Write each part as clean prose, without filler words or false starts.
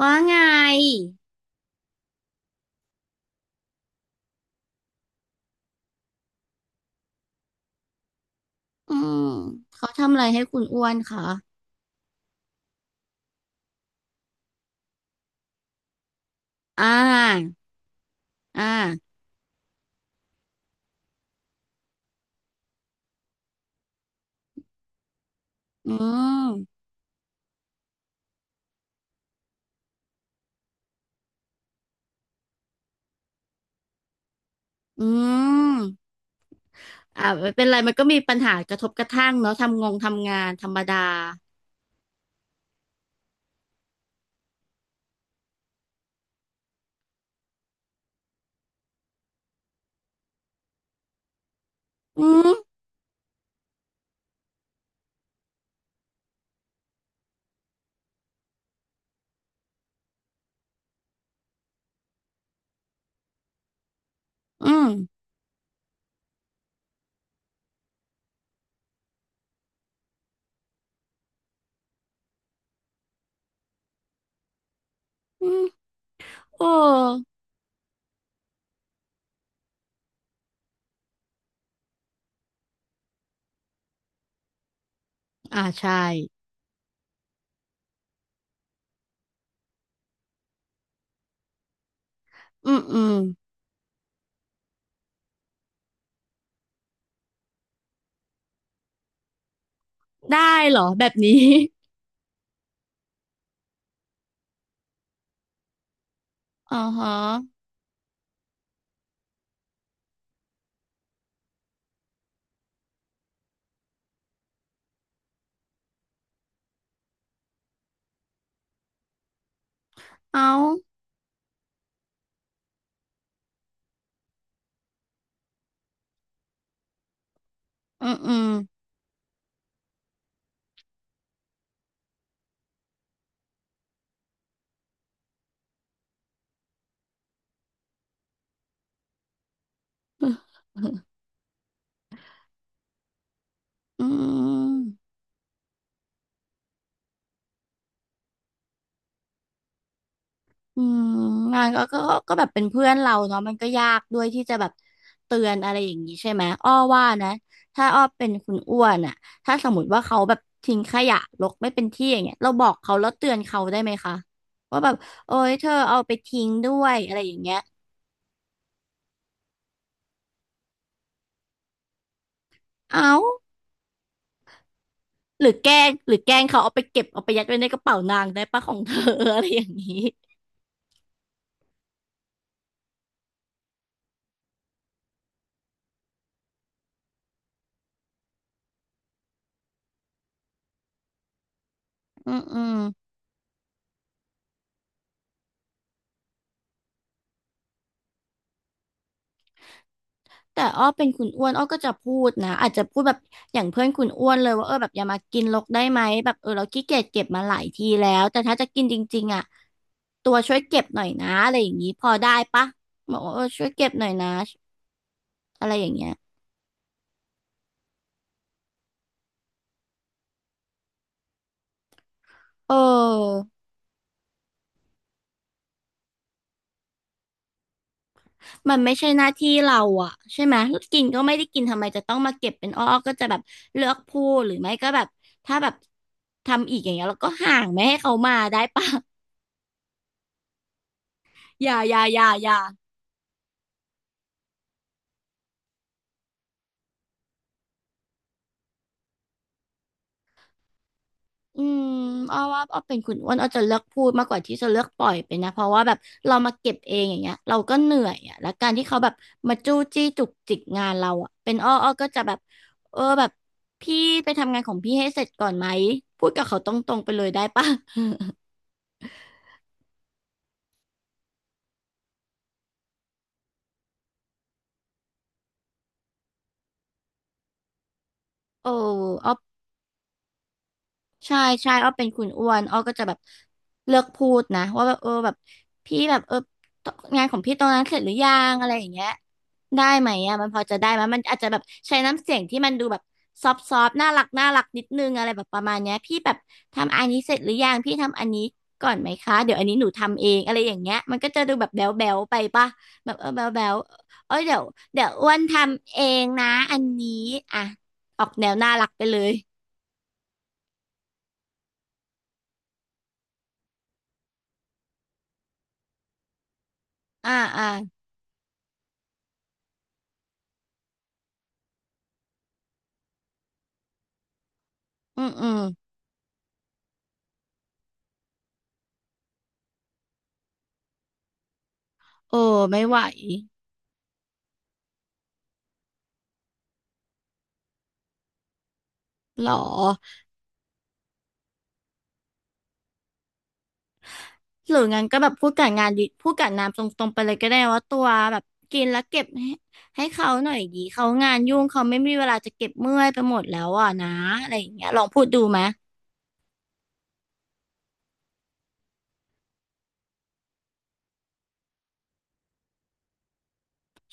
ว่าไงอืมเขาทำอะไรให้คุณอ้วนคะ อ่าอ่าอืม อืม อ่าไม่เป็นไรมันก็มีปัญหากระทบกระทั่งเนาะทำงานธรรมดา อืม อืมอืมโอ้ อ่าใช่ อืม อืม ได้เหรอแบบนี้ อ๋อฮะเอาอืม อืม อืม อืมงานก็แบบเป็นเพื่อนเราเนาะมันก็ยากด้วยที่จะแบบเตือนอะไรอย่างนี้ใช่ไหมอ้อว่านะถ้าอ้อเป็นคุณอ้วนอ่ะถ้าสมมติว่าเขาแบบทิ้งขยะรกไม่เป็นที่อย่างเงี้ยเราบอกเขาแล้วเตือนเขาได้ไหมคะว่าแบบโอ๊ยเธอเอาไปทิ้งด้วยอะไรอย่างเงี้ยเอ้าหรือแกล้งเขาเอาไปเก็บเอาไปยัดไว้ในกระเป๋านางได้ปะของเธอ อะไรอย่างนี้อืมอืม แต่อ้อเป็นคุณอ้วนอ้อก็จะพูดนะอาจจะพูดแบบอย่างเพื่อนคุณอ้วนเลยว่าเออแบบอย่ามากินรกได้ไหมแบบเออเราขี้เกียจเก็บมาหลายทีแล้วแต่ถ้าจะกินจริงๆอ่ะตัวช่วยเก็บหน่อยนะอะไรอย่างนี้พอได้ปะบอกว่าเออช่วยเก็บหน่อยนะอะไรอย่างเงี้ยเออมันไม่ใช่หน้าที่เราอ่ะใช่ไหมกินก็ไม่ได้กินทำไมจะต้องมาเก็บเป็นอ้อก็จะแบบเลือกพูดหรือไม่ก็แบบถ้าแบบทำอีกอย่างเงี้ยเราก็ห่างไม่ให้เขามาได้ปะ อย่า อืมอ้อว่าอ้อเป็นคุณอ้วนอ้อจะเลือกพูดมากกว่าที่จะเลือกปล่อยไปนะเพราะว่าแบบเรามาเก็บเองอย่างเงี้ยเราก็เหนื่อยอ่ะแล้วการที่เขาแบบมาจู้จี้จุกจิกงานเราอ่ะเป็นอ้อก็จะแบบเออแบบพี่ไปทำงานของพี่ให้เสร็จก่อนไหมพูดกับเขาตรงๆไปเลยได้ปะ โอ้อ้อ ใช่ใช่อ้อเป็นคุณอ้วนอ้อก็จะแบบเลือกพูดนะว่าแบบเออแบบพี่แบบเอองานของพี่ตรงนั้นเสร็จหรือยังอะไรอย่างเงี้ยได้ไหมอ่ะมันพอจะได้ไหมมันอาจจะแบบใช้น้ำเสียงที่มันดูแบบซอฟน่ารักนิดนึงอะไรแบบประมาณเนี้ยพี่แบบทำอันนี้เสร็จหรือยังพี่ทำอันนี้ก่อนไหมคะเดี๋ยวอันนี้หนูทำเองอะไรอย่างเงี้ยมันก็จะดูแบบแบ๊วแบวไปป่ะแบบเออแบ๊วแบวเอ้ยเดี๋ยวอ้วนทำเองนะอันนี้อ่ะออกแนวน่ารักไปเลยอ่าอ่าอืมอืม เออไม่ไหวหรอหรืองั้นก็แบบพูดกับงานดิพูดกับน้ำตรงๆไปเลยก็ได้ว่าตัวแบบกินแล้วเก็บให้เขาหน่อยดีเขางานยุ่งเขาไม่มีเวลาจะเก็บเมื่อยไปหมดแล้วอ่ะนะอะไรอย่างเงี้ยลองพูดดูไหม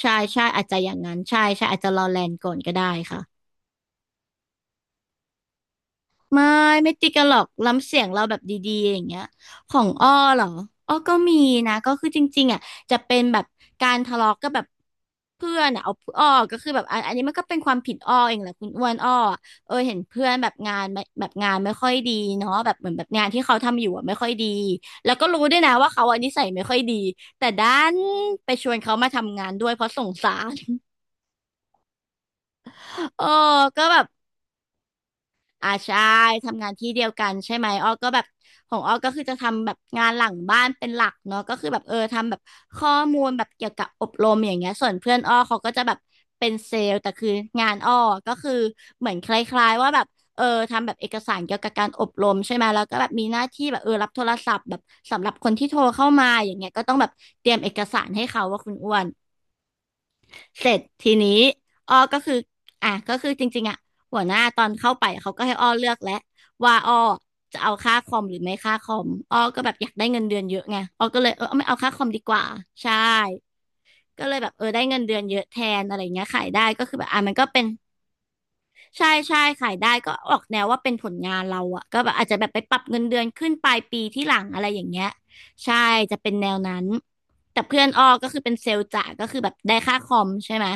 ใช่ใช่อาจจะอย่างนั้นใช่ใช่อาจจะรอแลนก่อนก็ได้ค่ะ ไม่ไม่ติดกันหรอกล้ำเสียงเราแบบดีๆอย่างเงี้ยของอ้อเหรออ้อก็มีนะก็คือจริงๆอ่ะจะเป็นแบบการทะเลาะก็แบบเพื่อนอ่ะเอาอ้อก็คือแบบอันนี้มันก็เป็นความผิดอ้อเองแหละคุณอ้วนอ้ออะเออเห็นเพื่อนแบบงานไม่ค่อยดีเนาะแบบเหมือนแบบงานที่เขาทำอยู่อ่ะไม่ค่อยดีแล้วก็รู้ด้วยนะว่าเขาอันนิสัยไม่ค่อยดีแต่ด้านไปชวนเขามาทำงานด้วยเพราะสงสาร เออก็แบบ อ่าใช่ทำงานที่เดียวกันใช่ไหมอ้อก็แบบของอ้อก็คือจะทำแบบงานหลังบ้านเป็นหลักเนาะก็คือแบบเออทำแบบข้อมูลแบบเกี่ยวกับอบรมอย่างเงี้ยส่วนเพื่อนอ้อเขาก็จะแบบเป็นเซลล์แต่คืองานอ้อก็คือเหมือนคล้ายๆว่าแบบเออทำแบบเอกสารเกี่ยวกับการอบรมใช่ไหมแล้วก็แบบมีหน้าที่แบบเออรับโทรศัพท์แบบสำหรับคนที่โทรเข้ามาอย่างเงี้ยก็ต้องแบบเตรียมเอกสารให้เขาว่าคุณอ้วน เสร็จทีนี้อ้อก็คืออ่ะก็คือจริงๆอ่ะหัวหน้าตอนเข้าไปเขาก็ให้อ้อเลือกแล้วว่าอ้อจะเอาค่าคอมหรือไม่ค่าคอมอ้อก็แบบอยากได้เงินเดือนเยอะไงอ้อก็เลยเอาไม่เอาค่าคอมดีกว่าใช่ก็เลยแบบได้เงินเดือนเยอะแทนอะไรเงี้ยขายได้ก็คือแบบอ่ะมันก็เป็นใช่ใช่ขายได้ก็ออกแนวว่าเป็นผลงานเราอ่ะก็แบบอาจจะแบบไปปรับเงินเดือนขึ้นปลายปีที่หลังอะไรอย่างเงี้ยใช่จะเป็นแนวนั้นแต่เพื่อนอ้อก็คือเป็นเซลล์จ่าก็คือแบบได้ค่าคอมใช่ไหม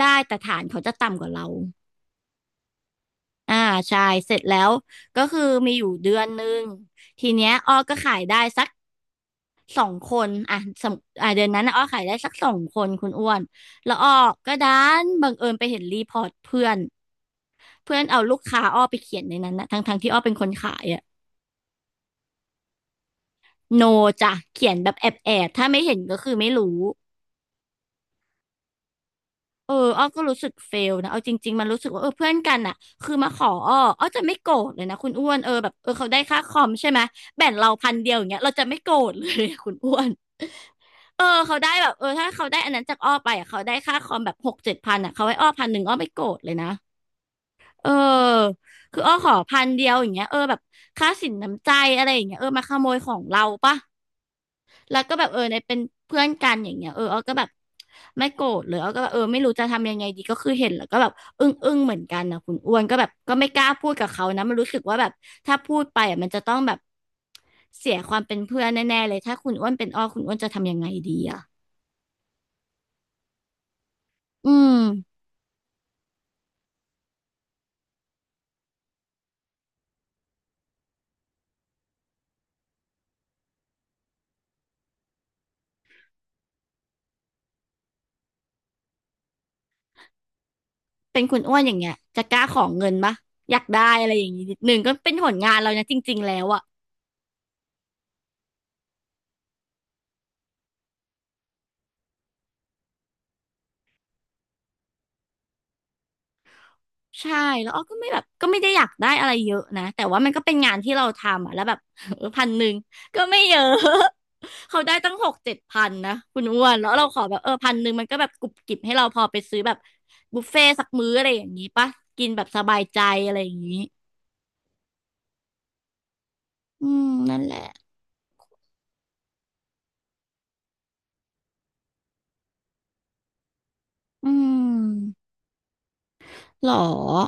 ได้แต่ฐานเขาจะต่ำกว่าเราอ่าใช่เสร็จแล้วก็คือมีอยู่เดือนหนึ่งทีเนี้ยอ้อก็ขายได้สักสองคนอ่ะสมอ่ะเดือนนั้นน่ะอ้อขายได้สักสองคนคุณอ้วนแล้วอ้อก็ดันบังเอิญไปเห็นรีพอร์ตเพื่อนเพื่อนเอาลูกค้าอ้อไปเขียนในนั้นนะทั้งที่อ้อเป็นคนขายอะโนจ้ะเขียนแบบแอบถ้าไม่เห็นก็คือไม่รู้ เอออ้อก็รู้สึกเฟลนะเอาจริงๆมันรู้สึกว่าเออเพื่อนกันอ่ะคือมาขออ้ออ้อจะไม่โกรธเลยนะคุณอ้วน เออแบบเออเขาได้ค่าคอมใช่ไหมแบ่งเราพันเดียวอย่างเงี้ยเราจะไม่โกรธเลย อะคุณอ้วนเออเขาได้แบบเออถ้าเขาได้อันนั้นจากอ้อไปอ่ะเขาได้ค่าคอมแบบหกเจ็ดพันอ่ะเขาให้อ้อพันหนึ่งอ้อไม่โกรธเลยนะเออคืออ้อขอพันเดียวอย่างเงี้ยเออแบบค่าสินน้ำใจอะไรอย่างเงี้ยเออมาขโมยของเราปะ แล้วก็แบบเออในเป็นเพื่อนกันอย่างเงี้ยเออเอาก็แบบไม่โกรธเลยเอาก็แบบเออไม่รู้จะทำยังไงดีก็คือเห็นแล้วก็แบบอึ้งเหมือนกันนะคุณอ้วนก็แบบก็ไม่กล้าพูดกับเขานะมันรู้สึกว่าแบบถ้าพูดไปอ่ะมันจะต้องแบบเสียความเป็นเพื่อนแน่ๆเลยถ้าคุณอ้วนเป็นอ้อคุณอ้วนจะทำยังไงดีอ่ะอืมเป็นคุณอ้วนอย่างเงี้ยจะกล้าของเงินปะอยากได้อะไรอย่างงี้นิดนึงก็เป็นผลงานเรานะจริงๆแล้วอะ ใช่แล้วอ้อก็ไม่แบบก็ไม่ได้อยากได้อะไรเยอะนะแต่ว่ามันก็เป็นงานที่เราทำอ่ะแล้วแบบ เออพันหนึ่งก็ไม่เยอะ เขาได้ตั้งหกเจ็ดพันนะคุณอ้วนแล้วเราขอแบบเออพันหนึ่งมันก็แบบกุบกิบให้เราพอไปซื้อแบบบุฟเฟ่ต์สักมื้ออะไรอย่างนี้ปะกินแบบสบายใจอะไรอย่างนี้อืมนั่นแหละอืมหรอ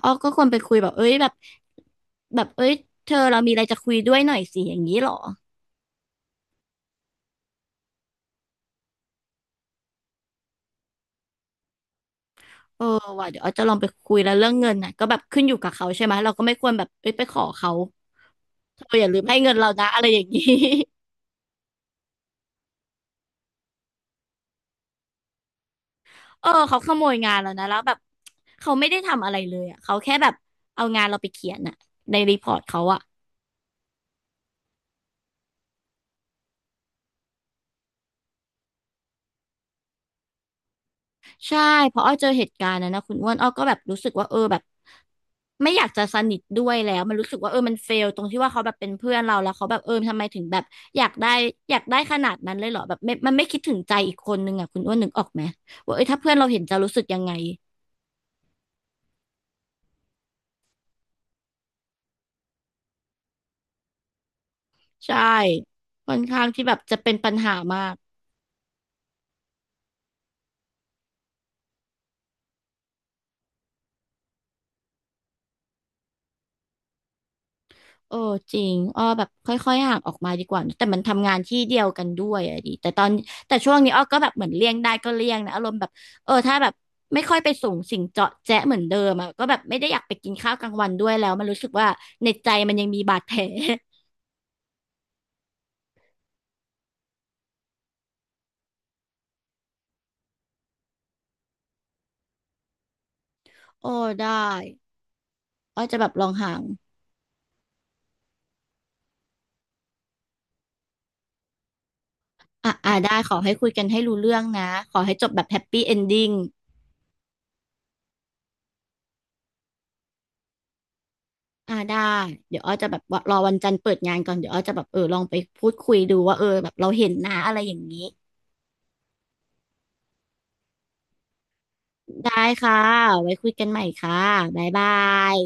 อ้อก็ควรไปคุยแบบเอ้ยแบบแบบเอ้ยเธอเรามีอะไรจะคุยด้วยหน่อยสิอย่างนี้หรอ เออว่ะเดี๋ยวอ้อจะลองไปคุยแล้วเรื่องเงินนะก็แบบขึ้นอยู่กับเขาใช่ไหมเราก็ไม่ควรแบบเอ้ยไปขอเขาเธออย่าลืมให้เงินเรานะอะไรอย่างนี้ เออเขาขโมยงานเรานะแล้วแบบเขาไม่ได้ทำอะไรเลยอ่ะเขาแค่แบบเอางานเราไปเขียนอ่ะในรีพอร์ตเขาอ่ะ ใช่เพราะอ้อเจอเหตุการณ์นั้นนะคุณอ้วนอ้อก็แบบรู้สึกว่าเออแบบไม่อยากจะสนิทด้วยแล้วมันรู้สึกว่าเออมันเฟลตรงที่ว่าเขาแบบเป็นเพื่อนเราแล้วเขาแบบเออทำไมถึงแบบอยากได้อยากได้ขนาดนั้นเลยเหรอแบบไม่มันไม่คิดถึงใจอีกคนนึงอ่ะคุณอ้วนนึกออกไหมว่าเออถ้าเพื่อนเราเห็นจะรู้สึกยังไงใช่ค่อนข้างที่แบบจะเป็นปัญหามาก เออจริงอ้อแบบค่อยๆห่างออกมาดีกว่า แต่มันทำงานที่เดียวกันด้วยอะดิแต่ตอนแต่ช่วงนี้อ้อก็แบบเหมือนเลี่ยงได้ก็เลี่ยงนะอารมณ์แบบเออถ้าแบบไม่ค่อยไปสูงสิงเจาะแจ๊ะเหมือนเดิมอะก็แบบไม่ได้อยากไปกินข้าวกลางวันด้วยแล้วมันรู้สึกว่าในใจมันยังมีบาดแผล โอ้ได้อ้อจะแบบลองห่างอ่ะอ่ะได้ขอให้คุยกันให้รู้เรื่องนะขอให้จบแบบแฮปปี้เอนดิ้งอ่ะได้เดี๋ยวอ้อจะแบบว่ารอวันจันทร์เปิดงานก่อนเดี๋ยวอ้อจะแบบเออลองไปพูดคุยดูว่าเออแบบเราเห็นนะอะไรอย่างนี้ ได้ค่ะ ไว้คุยกันใหม่ค่ะบ๊ายบาย